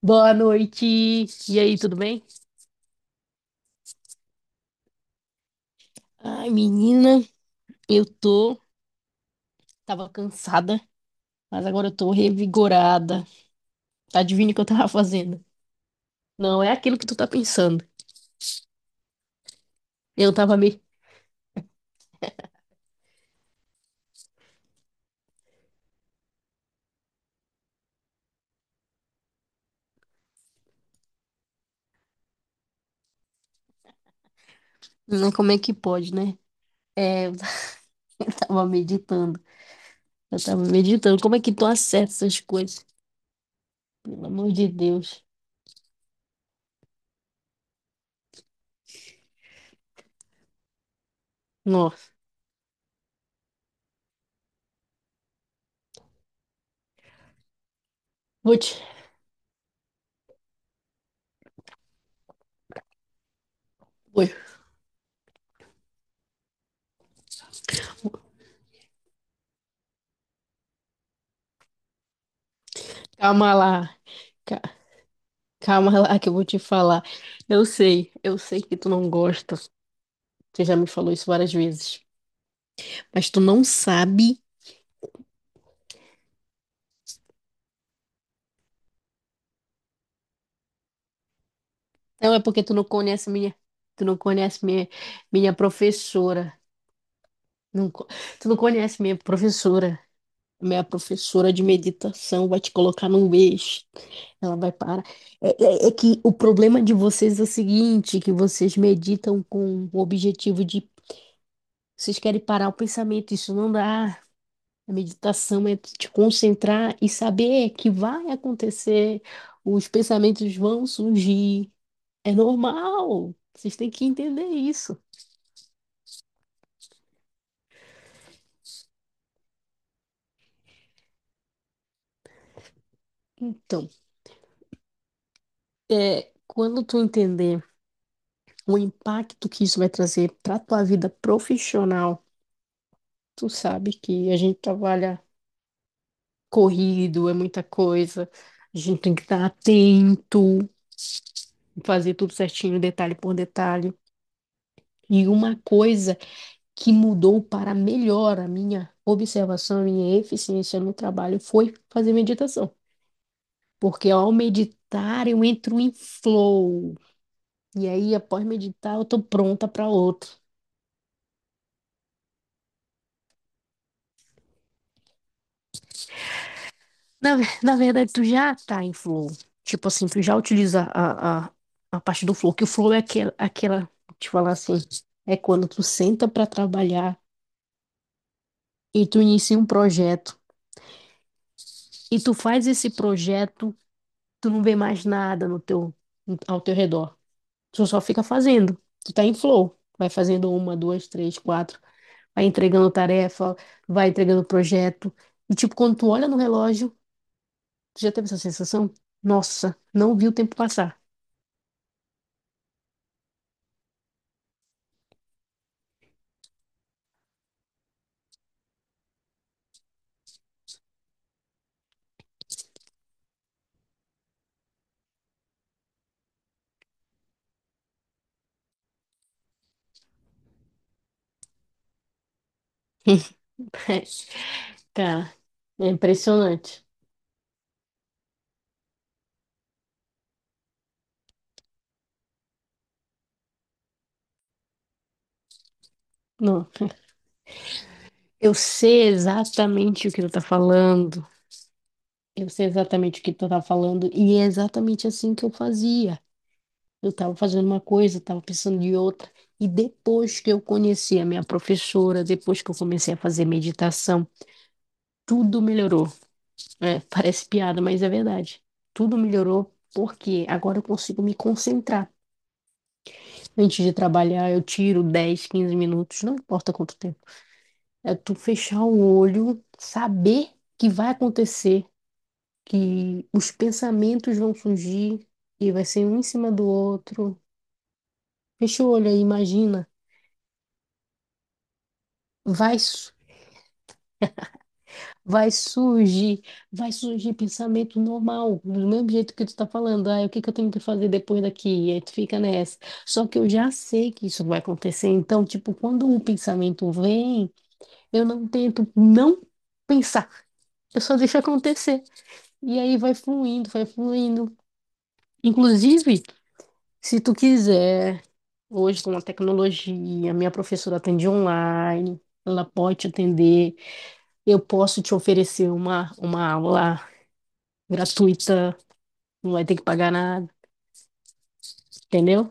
Boa noite. E aí, tudo bem? Ai, menina, eu tô. Tava cansada, mas agora eu tô revigorada. Adivinha o que eu tava fazendo? Não é aquilo que tu tá pensando. Eu tava me. Não, como é que pode, né? É, eu tava meditando. Eu tava meditando. Como é que tu acerta essas coisas? Pelo amor de Deus. Nossa. Vou te. vou- Calma lá. ca- Calma lá que eu vou te falar. Eu sei que tu não gosta. Você já me falou isso várias vezes. Mas tu não sabe. Não, é porque tu não conhece minha professora. Não, tu não conhece minha professora. Minha professora de meditação vai te colocar num eixo. Ela vai parar. É que o problema de vocês é o seguinte, que vocês meditam com o objetivo de... Vocês querem parar o pensamento, isso não dá. A meditação é te concentrar e saber que vai acontecer, os pensamentos vão surgir. É normal. Vocês têm que entender isso. Então, quando tu entender o impacto que isso vai trazer para tua vida profissional, tu sabe que a gente trabalha corrido, é muita coisa. A gente tem que estar atento, fazer tudo certinho, detalhe por detalhe. E uma coisa que mudou para melhor a minha observação, a minha eficiência no trabalho foi fazer meditação. Porque ao meditar eu entro em flow, e aí, após meditar, eu tô pronta para outro. Na verdade, tu já tá em flow. Tipo assim, tu já utiliza a a parte do flow, que o flow é aquela, vou te falar assim, é quando tu senta para trabalhar e tu inicia um projeto. E tu faz esse projeto, tu não vê mais nada no teu, ao teu redor. Tu só fica fazendo. Tu tá em flow. Vai fazendo uma, duas, três, quatro. Vai entregando tarefa, vai entregando projeto. E tipo, quando tu olha no relógio, tu já teve essa sensação? Nossa, não vi o tempo passar. Cara, é impressionante. Não, eu sei exatamente o que tu tá falando. Eu sei exatamente o que tu tá falando e é exatamente assim que eu fazia. Eu tava fazendo uma coisa, tava pensando em outra. E depois que eu conheci a minha professora, depois que eu comecei a fazer meditação, tudo melhorou. É, parece piada, mas é verdade. Tudo melhorou porque agora eu consigo me concentrar. Antes de trabalhar, eu tiro 10, 15 minutos, não importa quanto tempo. É tu fechar o olho, saber que vai acontecer, que os pensamentos vão surgir e vai ser um em cima do outro. Fecha o olho aí, imagina. Vai, su- vai surgir, vai surgir pensamento normal, do mesmo jeito que tu tá falando. Ah, o que que eu tenho que fazer depois daqui? E aí tu fica nessa. Só que eu já sei que isso vai acontecer. Então, tipo, quando um pensamento vem. Eu não tento não pensar. Eu só deixo acontecer. E aí vai fluindo, vai fluindo. Inclusive, se tu quiser, hoje com a tecnologia, minha professora atende online, ela pode te atender. Eu posso te oferecer uma aula gratuita, não vai ter que pagar nada, entendeu?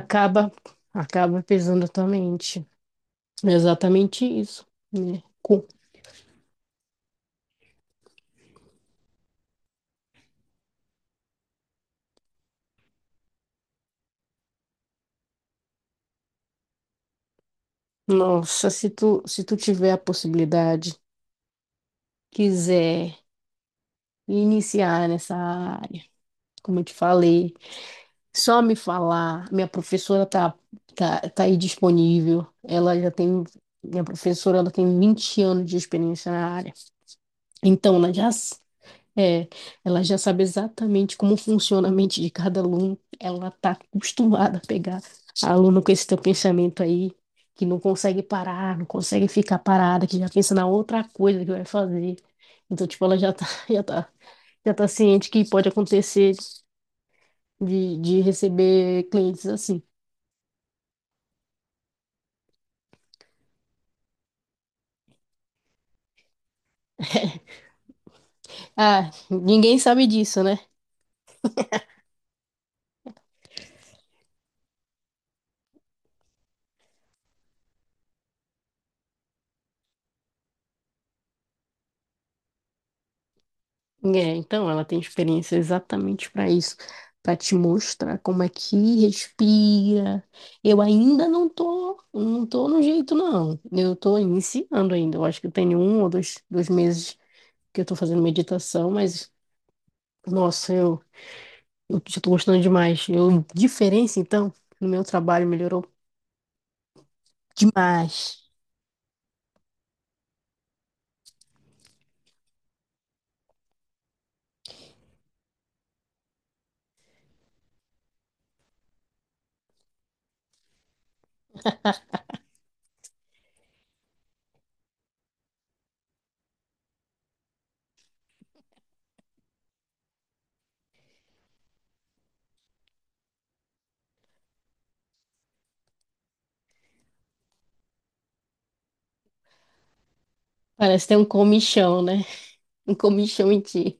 Acaba, acaba pesando a tua mente. É exatamente isso, né? Nossa, se tu, se tu tiver a possibilidade, quiser me iniciar nessa área, como eu te falei. Só me falar, minha professora tá aí disponível. Minha professora, ela tem 20 anos de experiência na área. Então, é, ela já sabe exatamente como funciona a mente de cada aluno. Ela tá acostumada a pegar aluno com esse teu pensamento aí, que não consegue parar, não consegue ficar parada, que já pensa na outra coisa que vai fazer. Então, tipo, ela já tá, já tá ciente que pode acontecer de receber clientes assim. Ah, ninguém sabe disso, né? É, então ela tem experiência exatamente para isso, para te mostrar como é que respira. Eu ainda não tô, não tô no jeito, não. Eu tô iniciando ainda. Eu acho que eu tenho um ou dois meses que eu tô fazendo meditação, mas, nossa, eu já tô gostando demais. Diferença, então, no meu trabalho melhorou demais. Parece ter um comichão, né? Um comichão em ti.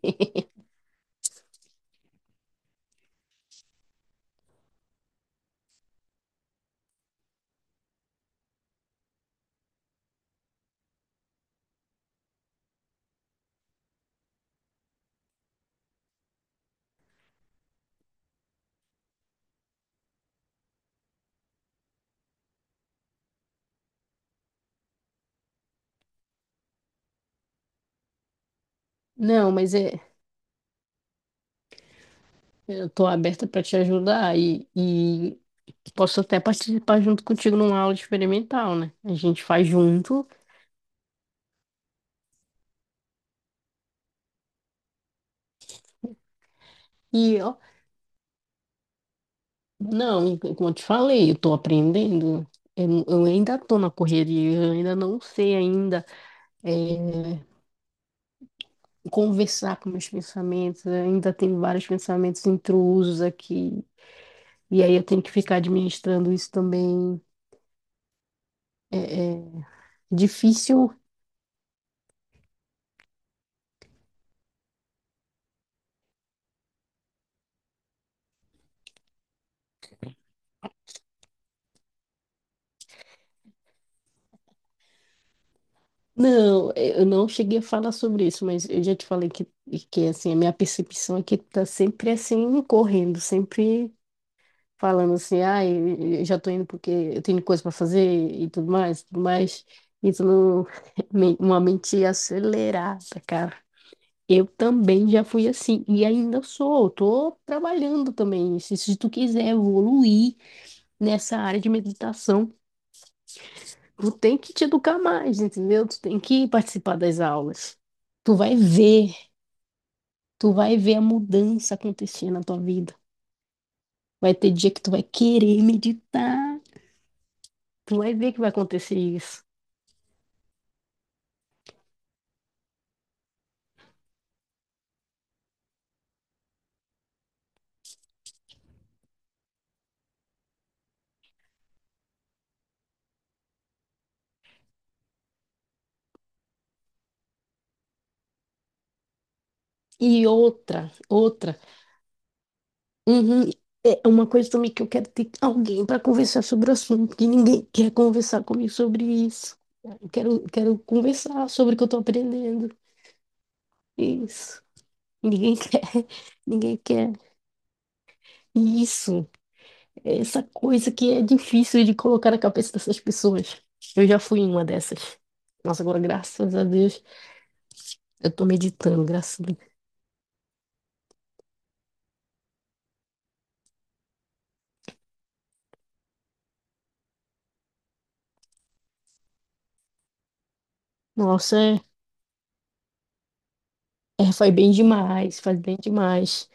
Não, mas é, eu tô aberta para te ajudar e posso até participar junto contigo numa aula experimental, né? A gente faz junto e, ó, não, como eu te falei, eu tô aprendendo. Eu ainda tô na correria, eu ainda não sei ainda é, conversar com meus pensamentos, eu ainda tenho vários pensamentos intrusos aqui. E aí eu tenho que ficar administrando isso também. É difícil. Não, eu não cheguei a falar sobre isso, mas eu já te falei que assim, a minha percepção é que tá sempre assim, correndo, sempre falando assim, ah, eu já tô indo porque eu tenho coisa para fazer e tudo mais, tudo mais. Isso não, uma mente acelerada, cara. Eu também já fui assim, e ainda sou, tô trabalhando também. Se tu quiser evoluir nessa área de meditação, tu tem que te educar mais, entendeu? Tu tem que participar das aulas. Tu vai ver, tu vai ver a mudança acontecer na tua vida. Vai ter dia que tu vai querer meditar, tu vai ver que vai acontecer isso. E outra, uhum, é uma coisa também que eu quero ter alguém para conversar sobre o assunto, porque ninguém quer conversar comigo sobre isso. Eu quero, quero conversar sobre o que eu estou aprendendo. Isso. Ninguém quer, ninguém quer isso. É essa coisa que é difícil de colocar na cabeça dessas pessoas. Eu já fui uma dessas. Nossa, agora, graças a Deus, eu tô meditando, graças a Deus. Nossa, faz bem demais, faz bem demais.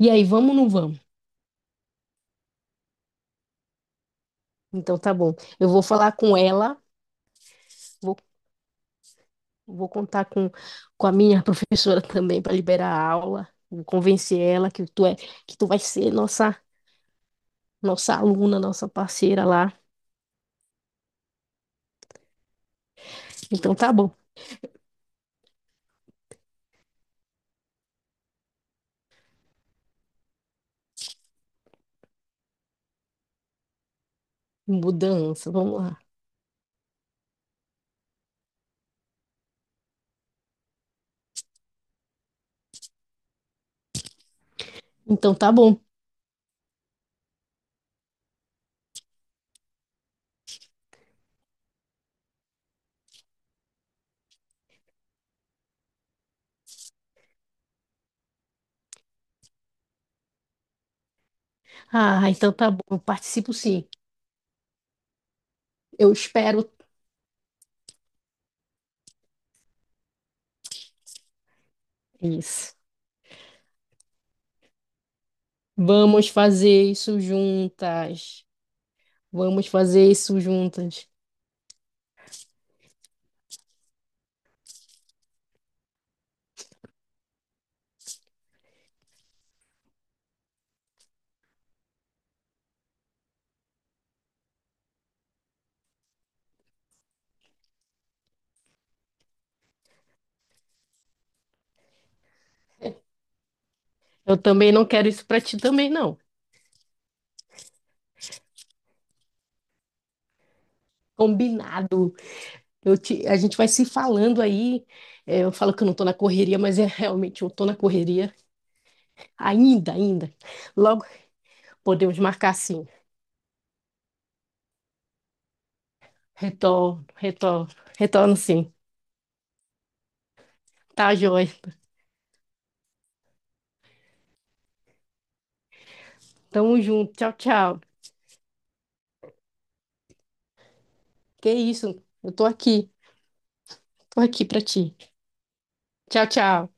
E aí, vamos ou não vamos? Então, tá bom. Eu vou falar com ela, vou, vou contar com a minha professora também para liberar a aula, vou convencer ela que tu vai ser nossa aluna, nossa parceira lá. Então, tá bom. Mudança, vamos lá. Então, tá bom. Ah, então tá bom, eu participo sim. Eu espero isso. Vamos fazer isso juntas. Vamos fazer isso juntas. Eu também não quero isso pra ti também, não. Combinado. A gente vai se falando aí. É, eu falo que eu não tô na correria, mas é realmente eu tô na correria. Ainda, ainda. Logo podemos marcar sim. Retorno, retorno, retorno sim. Tá, joia. Tamo junto. Tchau, tchau. Que isso? Eu tô aqui. Tô aqui pra ti. Tchau, tchau.